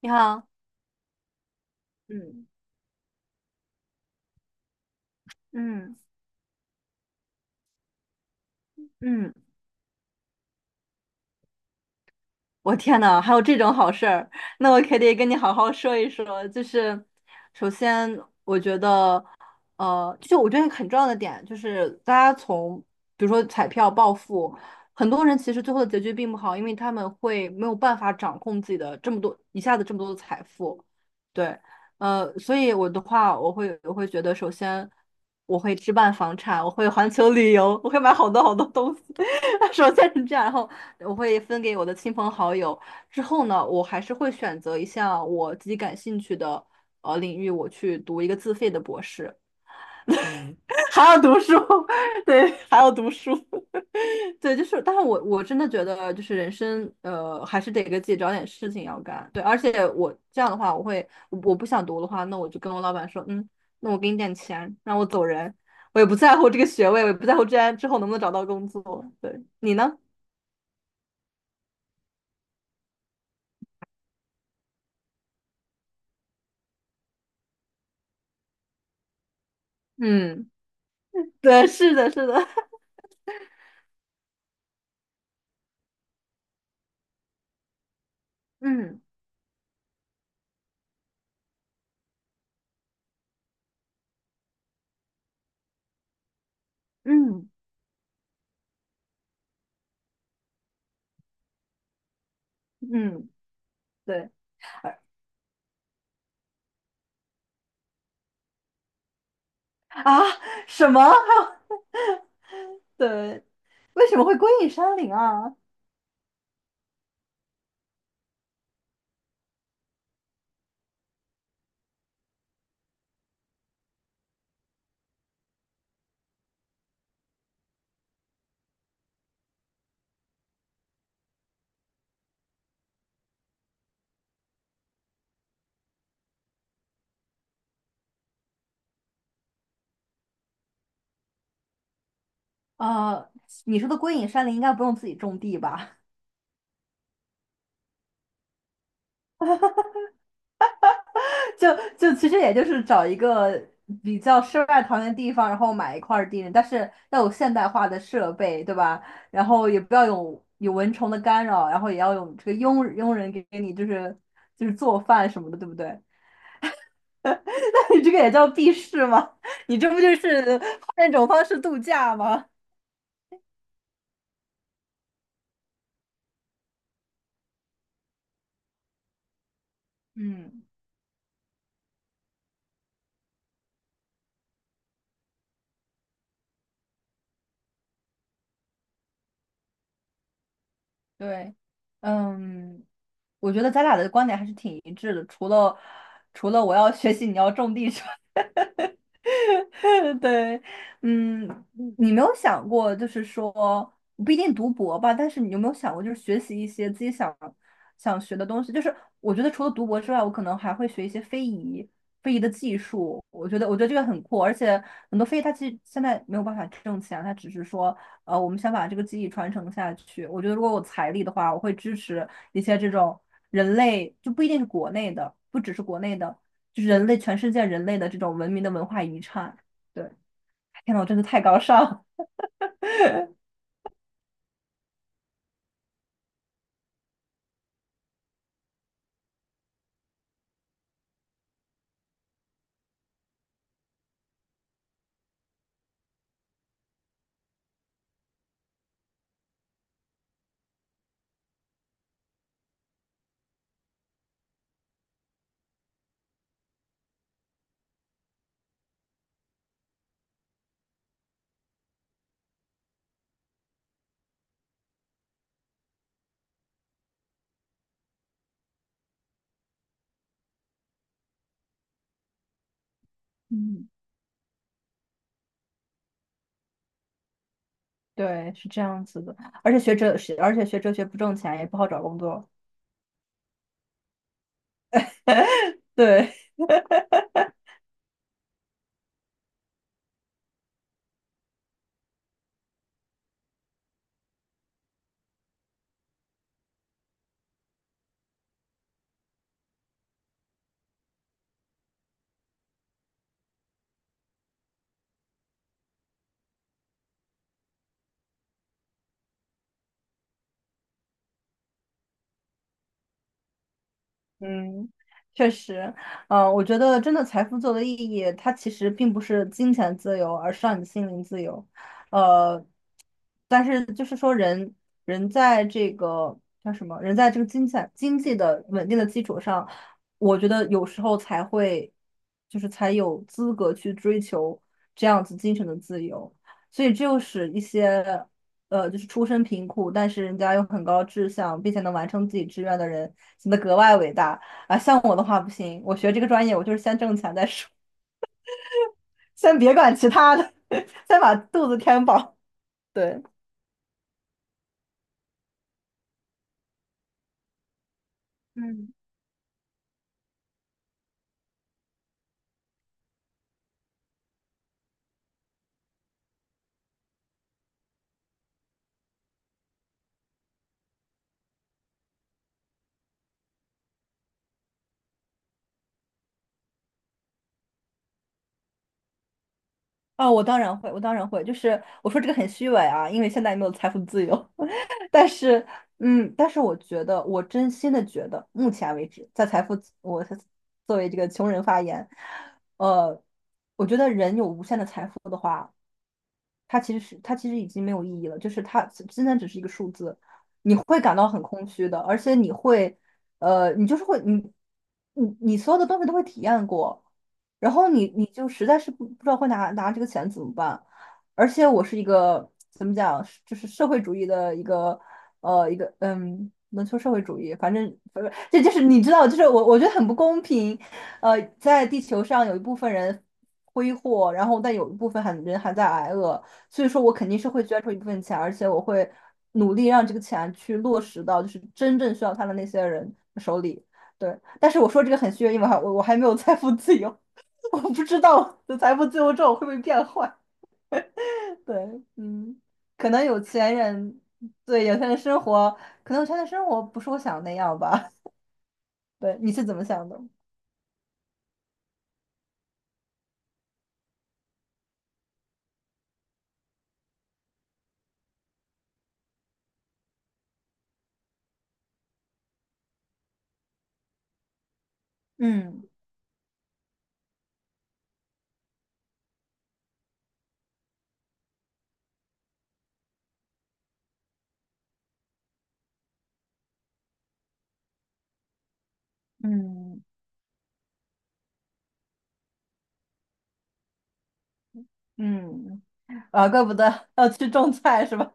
你好，嗯，嗯嗯，我天呐，还有这种好事儿，那我可得跟你好好说一说。就是，首先，就我觉得很重要的点就是大家从比如说彩票暴富，很多人其实最后的结局并不好，因为他们会没有办法掌控自己的这么多一下子这么多的财富，对，所以我的话，我会觉得，首先我会置办房产，我会环球旅游，我会买好多好多东西，首先是这样，然后我会分给我的亲朋好友，之后呢，我还是会选择一项我自己感兴趣的领域，我去读一个自费的博士。还要读书，对，还要读书，对，就是，但是我真的觉得，就是人生，还是得给自己找点事情要干，对，而且我这样的话，我会，我不想读的话，那我就跟我老板说，嗯，那我给你点钱，让我走人，我也不在乎这个学位，我也不在乎这样之后能不能找到工作，对，你呢？嗯，对，是的，是的，嗯嗯嗯，对，啊，什么？对，为什么会归隐山林啊？呃，你说的归隐山林应该不用自己种地吧？就就其实也就是找一个比较世外桃源的地方，然后买一块儿地，但是要有现代化的设备，对吧？然后也不要有蚊虫的干扰，然后也要有这个佣人给你就是做饭什么的，对不对？那你这个也叫避世吗？你这不就是换一种方式度假吗？嗯，对，嗯。我觉得咱俩的观点还是挺一致的，除了我要学习，你要种地之外，对，嗯，你没有想过，就是说不一定读博吧，但是你有没有想过，就是学习一些自己想学的东西？就是我觉得除了读博之外，我可能还会学一些非遗，非遗的技术。我觉得这个很酷，而且很多非遗它其实现在没有办法挣钱，它只是说，我们想把这个技艺传承下去。我觉得如果我财力的话，我会支持一些这种。人类就不一定是国内的，不只是国内的，就是人类全世界人类的这种文明的文化遗产。对，天呐，我真的太高尚了。嗯，对，是这样子的。而且学哲，而且学哲学不挣钱，也不好找工作。对。嗯，确实，我觉得真的财富自由的意义，它其实并不是金钱自由，而是让你心灵自由。呃，但是就是说人，人在这个叫什么？人在这个金钱经济的稳定的基础上，我觉得有时候才会，就是才有资格去追求这样子精神的自由。所以，这又使一些，就是出身贫苦，但是人家有很高志向，并且能完成自己志愿的人，显得格外伟大啊。像我的话不行，我学这个专业，我就是先挣钱再说，先别管其他的，先把肚子填饱。对，嗯，啊，我当然会，我当然会，就是我说这个很虚伪啊，因为现在也没有财富自由，但是，嗯，但是我觉得，我真心的觉得，目前为止，在财富我我作为这个穷人发言，呃，我觉得人有无限的财富的话。它其实已经没有意义了，就是它现在只是一个数字，你会感到很空虚的，而且你会，呃，你就是会你所有的东西都会体验过，然后你就实在是不知道会拿这个钱怎么办，而且我是一个怎么讲，是就是社会主义的一个。能说社会主义，反正不是，这就是你知道，就是我觉得很不公平。在地球上有一部分人挥霍，然后但有一部分还人还在挨饿，所以说我肯定是会捐出一部分钱，而且我会努力让这个钱去落实到就是真正需要它的那些人手里。对，但是我说这个很虚，因为我还没有财富自由，我不知道我的财富自由之后会不会变坏。对，嗯，可能有钱人对有钱人生活，可能有钱人生活不是我想的那样吧。对，你是怎么想的？嗯嗯嗯，啊，怪不得要去种菜是吧？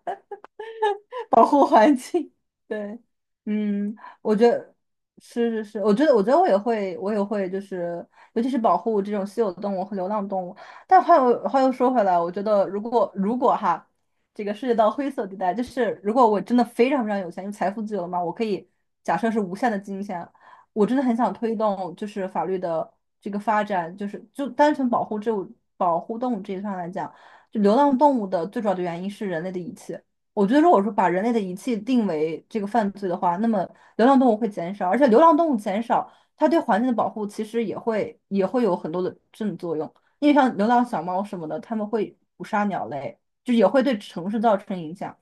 保护环境。对，嗯，我觉得是是是，我觉得我也会，我也会，就是尤其是保护这种稀有动物和流浪动物。但话又说回来，我觉得如果哈，这个涉及到灰色地带，就是如果我真的非常非常有钱，就财富自由了嘛，我可以假设是无限的金钱，我真的很想推动就是法律的这个发展，就单纯保护动物这一上来讲，就流浪动物的最主要的原因是人类的遗弃。我觉得，如果说把人类的遗弃定为这个犯罪的话，那么流浪动物会减少，而且流浪动物减少，它对环境的保护其实也会有很多的正作用。因为像流浪小猫什么的，它们会捕杀鸟类，就也会对城市造成影响。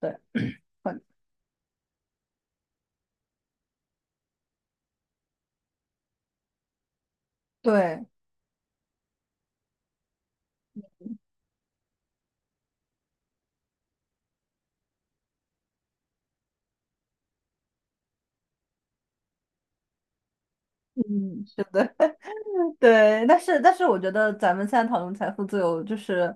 对，很对，嗯。对，但是我觉得咱们现在讨论财富自由，就是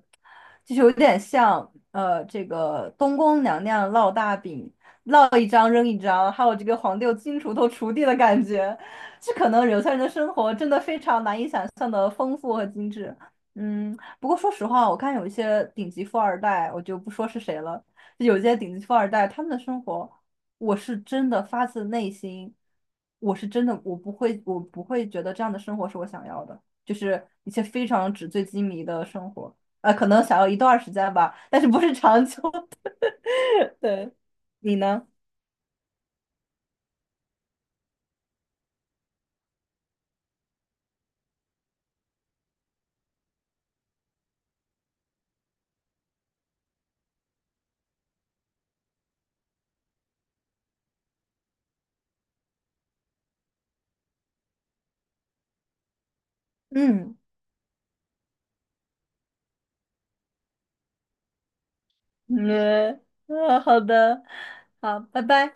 就是有点像，这个东宫娘娘烙大饼，烙一张扔一张，还有这个皇帝有金锄头锄地的感觉。这可能有些人的生活真的非常难以想象的丰富和精致。嗯，不过说实话，我看有一些顶级富二代，我就不说是谁了，有些顶级富二代他们的生活。我是真的发自内心，我是真的，我不会觉得这样的生活是我想要的，就是一些非常纸醉金迷的生活，啊，可能想要一段时间吧，但是不是长久的。对，你呢？嗯，嗯，嗯，好的，好，拜拜。